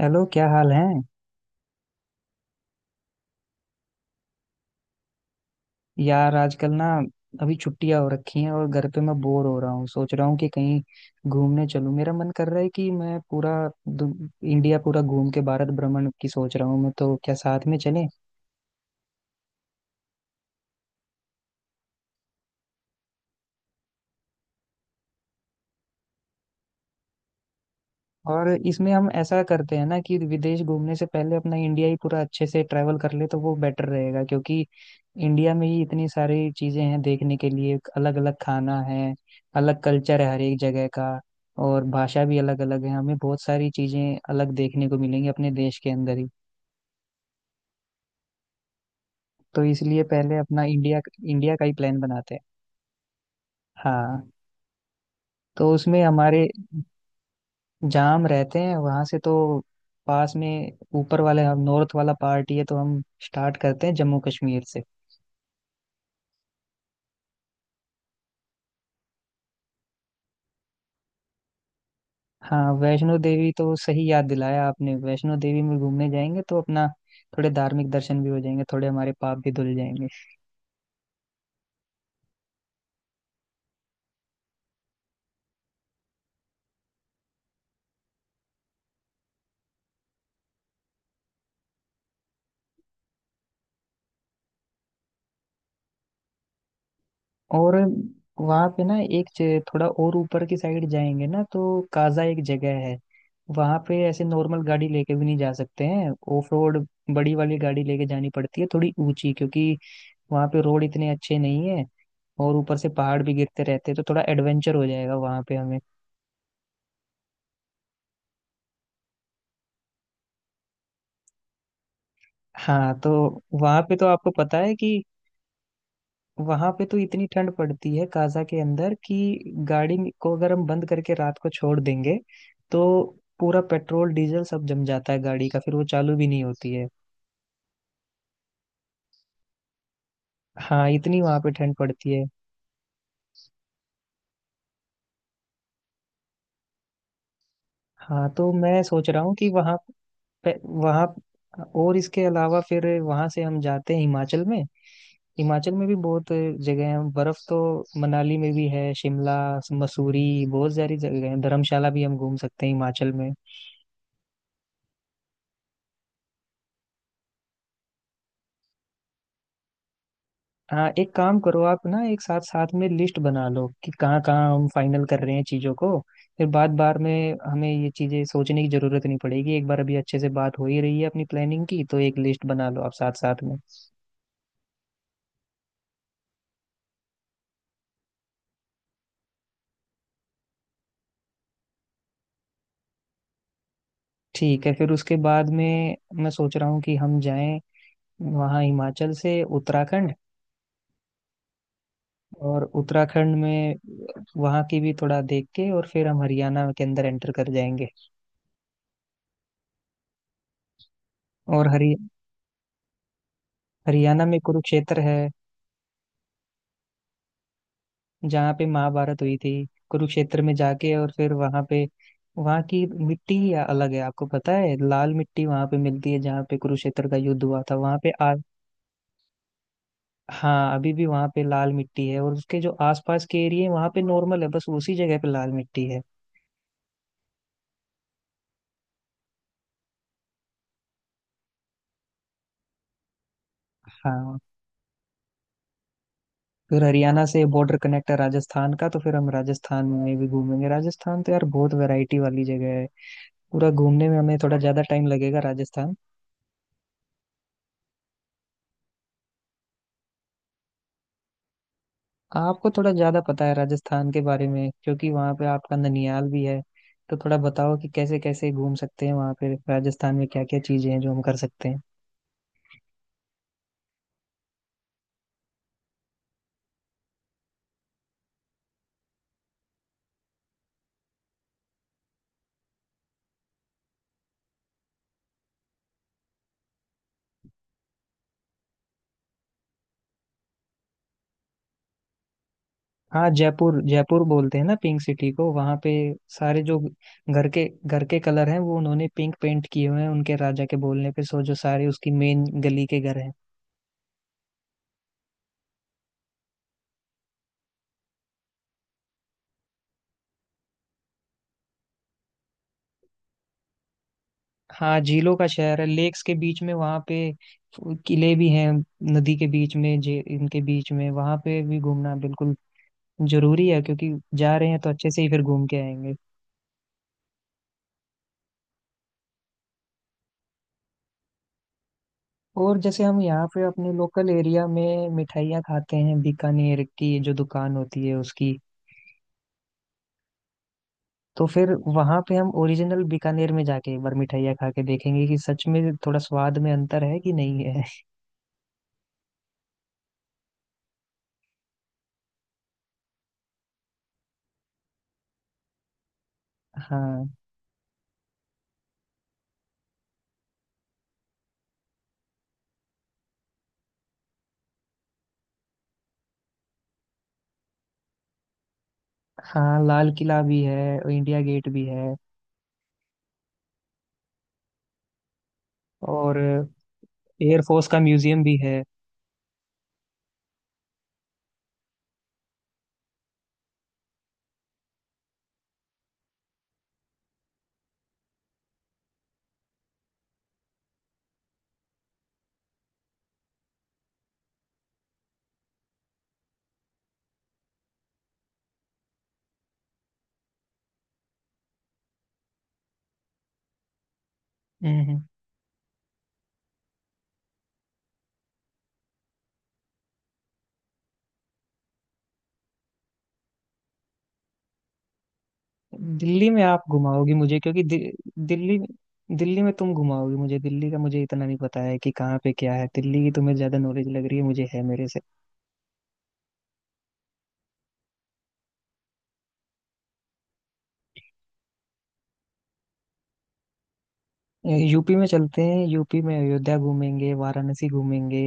Hello, क्या हाल है। यार, आजकल ना अभी छुट्टियां हो रखी हैं और घर पे मैं बोर हो रहा हूँ। सोच रहा हूँ कि कहीं घूमने चलूँ। मेरा मन कर रहा है कि मैं पूरा इंडिया पूरा घूम के भारत भ्रमण की सोच रहा हूँ। मैं तो, क्या साथ में चलें। और इसमें हम ऐसा करते हैं ना कि विदेश घूमने से पहले अपना इंडिया ही पूरा अच्छे से ट्रैवल कर ले तो वो बेटर रहेगा, क्योंकि इंडिया में ही इतनी सारी चीजें हैं देखने के लिए। अलग अलग खाना है, अलग कल्चर है हर एक जगह का, और भाषा भी अलग अलग है। हमें बहुत सारी चीजें अलग देखने को मिलेंगी अपने देश के अंदर ही। तो इसलिए पहले अपना इंडिया इंडिया का ही प्लान बनाते हैं। हाँ। तो उसमें हमारे जाम रहते हैं वहां से, तो पास में ऊपर वाले हम नॉर्थ वाला पार्ट ही है, तो हम स्टार्ट करते हैं जम्मू कश्मीर से। हाँ, वैष्णो देवी तो सही याद दिलाया आपने। वैष्णो देवी में घूमने जाएंगे तो अपना थोड़े धार्मिक दर्शन भी हो जाएंगे, थोड़े हमारे पाप भी धुल जाएंगे। और वहाँ पे ना एक थोड़ा और ऊपर की साइड जाएंगे ना तो काजा एक जगह है। वहाँ पे ऐसे नॉर्मल गाड़ी लेके भी नहीं जा सकते हैं। ऑफ रोड बड़ी वाली गाड़ी लेके जानी पड़ती है, थोड़ी ऊंची, क्योंकि वहाँ पे रोड इतने अच्छे नहीं है। और ऊपर से पहाड़ भी गिरते रहते हैं, तो थोड़ा एडवेंचर हो जाएगा वहाँ पे हमें। हाँ। तो वहाँ पे तो आपको पता है कि वहाँ पे तो इतनी ठंड पड़ती है काजा के अंदर कि गाड़ी को अगर हम बंद करके रात को छोड़ देंगे तो पूरा पेट्रोल डीजल सब जम जाता है गाड़ी का, फिर वो चालू भी नहीं होती है। हाँ, इतनी वहाँ पे ठंड पड़ती है। हाँ, तो मैं सोच रहा हूँ कि वहाँ और इसके अलावा फिर वहाँ से हम जाते हैं हिमाचल में। हिमाचल में भी बहुत जगह हैं, बर्फ तो मनाली में भी है, शिमला, मसूरी, बहुत सारी जगह हैं। धर्मशाला भी हम घूम सकते हैं हिमाचल में। हाँ, एक काम करो आप ना, एक साथ साथ में लिस्ट बना लो कि कहाँ कहाँ हम फाइनल कर रहे हैं चीज़ों को। फिर बार बार में हमें ये चीज़ें सोचने की जरूरत नहीं पड़ेगी। एक बार अभी अच्छे से बात हो ही रही है अपनी प्लानिंग की, तो एक लिस्ट बना लो आप साथ साथ में। ठीक है, फिर उसके बाद में मैं सोच रहा हूँ कि हम जाएं वहाँ हिमाचल से उत्तराखंड। और उत्तराखंड में वहाँ की भी थोड़ा देख के और फिर हम हरियाणा के अंदर एंटर कर जाएंगे। और हरि हरियाणा में कुरुक्षेत्र है, जहाँ पे महाभारत हुई थी। कुरुक्षेत्र में जाके और फिर वहाँ पे वहाँ की मिट्टी ही अलग है। आपको पता है, लाल मिट्टी वहाँ पे मिलती है जहाँ पे कुरुक्षेत्र का युद्ध हुआ था, वहाँ पे आ हाँ, अभी भी वहाँ पे लाल मिट्टी है। और उसके जो आसपास के एरिया है वहाँ पे नॉर्मल है, बस उसी जगह पे लाल मिट्टी है। हाँ, फिर हरियाणा से बॉर्डर कनेक्ट है राजस्थान का, तो फिर हम राजस्थान में भी घूमेंगे। राजस्थान तो यार बहुत वैरायटी वाली जगह है, पूरा घूमने में हमें थोड़ा ज्यादा टाइम लगेगा। राजस्थान आपको थोड़ा ज्यादा पता है राजस्थान के बारे में, क्योंकि वहाँ पे आपका ननियाल भी है। तो थोड़ा बताओ कि कैसे कैसे घूम सकते हैं वहाँ पे, राजस्थान में क्या क्या चीजें हैं जो हम कर सकते हैं। हाँ, जयपुर जयपुर बोलते हैं ना पिंक सिटी को। वहाँ पे सारे जो घर के कलर हैं वो उन्होंने पिंक पेंट किए हुए हैं उनके राजा के बोलने पे, सो जो सारे उसकी मेन गली के घर हैं। हाँ, झीलों का शहर है, लेक्स के बीच में वहाँ पे किले भी हैं, नदी के बीच में जे इनके बीच में। वहाँ पे भी घूमना बिल्कुल जरूरी है, क्योंकि जा रहे हैं तो अच्छे से ही फिर घूम के आएंगे। और जैसे हम यहाँ पे अपने लोकल एरिया में मिठाइयाँ खाते हैं, बीकानेर की जो दुकान होती है उसकी, तो फिर वहाँ पे हम ओरिजिनल बीकानेर में जाके एक बार मिठाइयाँ खा के देखेंगे कि सच में थोड़ा स्वाद में अंतर है कि नहीं है। हाँ। हाँ, लाल किला भी है, इंडिया गेट भी है, और एयरफोर्स का म्यूजियम भी है। हम्म। दिल्ली में आप घुमाओगी मुझे, क्योंकि दिल्ली, दिल्ली में तुम घुमाओगी मुझे। दिल्ली का मुझे इतना नहीं पता है कि कहाँ पे क्या है। दिल्ली की तुम्हें ज्यादा नॉलेज लग रही है, मुझे है मेरे से। यूपी में चलते हैं। यूपी में अयोध्या घूमेंगे, वाराणसी घूमेंगे,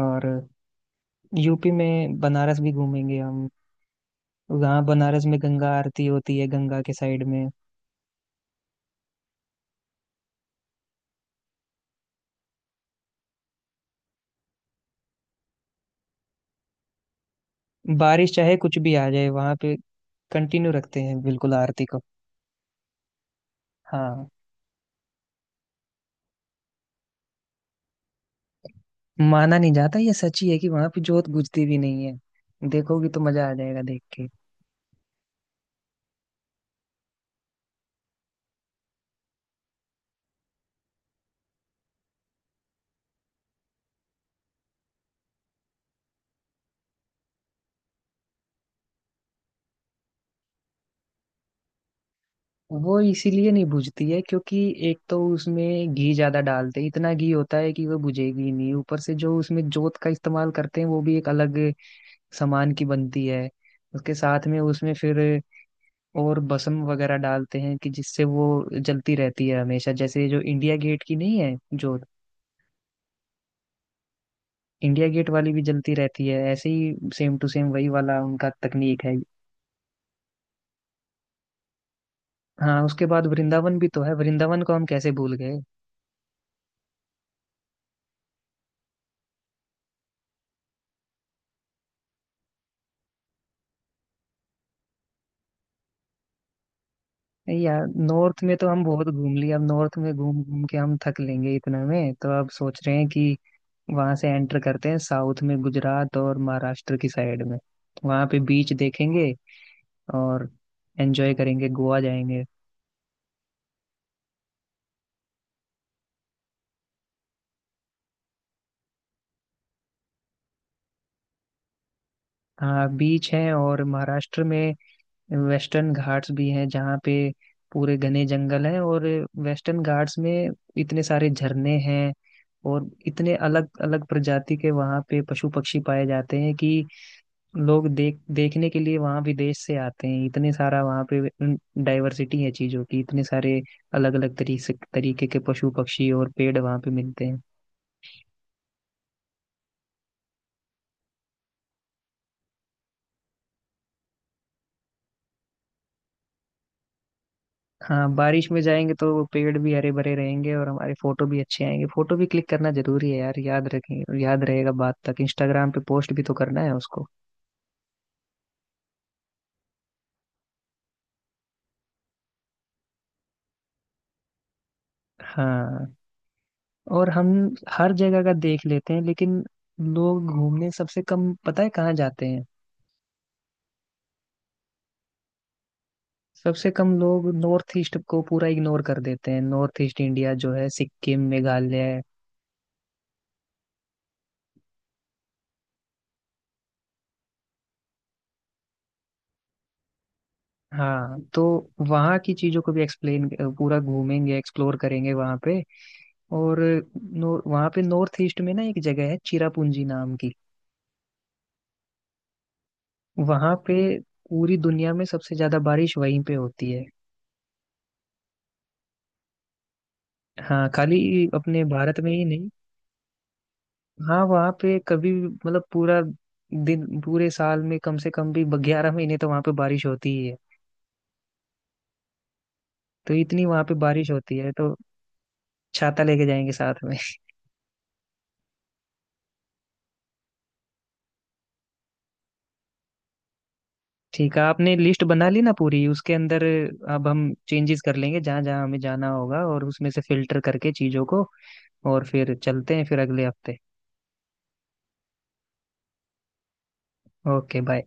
और यूपी में बनारस भी घूमेंगे हम। वहाँ बनारस में गंगा आरती होती है, गंगा के साइड में बारिश चाहे कुछ भी आ जाए, वहाँ पे कंटिन्यू रखते हैं बिल्कुल आरती को। हाँ, माना नहीं जाता, ये सच ही है कि वहां पे जोत बुझती भी नहीं है। देखोगी तो मजा आ जाएगा देख के। वो इसीलिए नहीं बुझती है क्योंकि एक तो उसमें घी ज्यादा डालते हैं, इतना घी होता है कि वो बुझेगी ही नहीं। ऊपर से जो उसमें जोत का इस्तेमाल करते हैं वो भी एक अलग सामान की बनती है। उसके साथ में उसमें फिर और भस्म वगैरह डालते हैं कि जिससे वो जलती रहती है हमेशा, जैसे जो इंडिया गेट की नहीं है जोत, इंडिया गेट वाली भी जलती रहती है, ऐसे ही सेम टू सेम वही वाला उनका तकनीक है। हाँ, उसके बाद वृंदावन भी तो है, वृंदावन को हम कैसे भूल गए। नहीं यार, नॉर्थ में तो हम बहुत घूम लिए, अब नॉर्थ में घूम घूम के हम थक लेंगे इतने में, तो अब सोच रहे हैं कि वहां से एंटर करते हैं साउथ में, गुजरात और महाराष्ट्र की साइड में। वहां पे बीच देखेंगे और एंजॉय करेंगे, गोवा जाएंगे। हाँ, बीच है, और महाराष्ट्र में वेस्टर्न घाट्स भी हैं जहाँ पे पूरे घने जंगल हैं। और वेस्टर्न घाट्स में इतने सारे झरने हैं, और इतने अलग अलग प्रजाति के वहाँ पे पशु पक्षी पाए जाते हैं कि लोग देखने के लिए वहाँ विदेश से आते हैं। इतने सारा वहाँ पे डाइवर्सिटी है चीज़ों की, इतने सारे अलग अलग तरीके तरीके के पशु पक्षी और पेड़ वहाँ पे मिलते हैं। हाँ, बारिश में जाएंगे तो वो पेड़ भी हरे भरे रहेंगे और हमारे फोटो भी अच्छे आएंगे। फोटो भी क्लिक करना जरूरी है यार, याद रखें, याद रहेगा बाद तक। इंस्टाग्राम पे पोस्ट भी तो करना है उसको। हाँ, और हम हर जगह का देख लेते हैं, लेकिन लोग घूमने सबसे कम पता है कहाँ जाते हैं। सबसे कम लोग नॉर्थ ईस्ट को पूरा इग्नोर कर देते हैं। नॉर्थ ईस्ट इंडिया जो है, सिक्किम, मेघालय, हाँ। तो वहाँ की चीजों को भी एक्सप्लेन, पूरा घूमेंगे, एक्सप्लोर करेंगे वहाँ पे। और नो, वहाँ पे नॉर्थ ईस्ट में ना एक जगह है चिरापुंजी नाम की। वहाँ पे पूरी दुनिया में सबसे ज्यादा बारिश वहीं पे होती है। हाँ, खाली अपने भारत में ही नहीं। हाँ, वहाँ पे कभी भी, मतलब पूरा दिन, पूरे साल में कम से कम भी 11 महीने तो वहाँ पे बारिश होती ही है। तो इतनी वहाँ पे बारिश होती है, तो छाता लेके जाएंगे साथ में। ठीक है, आपने लिस्ट बना ली ना पूरी, उसके अंदर अब हम चेंजेस कर लेंगे जहाँ जहाँ हमें जाना होगा, और उसमें से फिल्टर करके चीजों को। और फिर चलते हैं फिर अगले हफ्ते। Okay bye.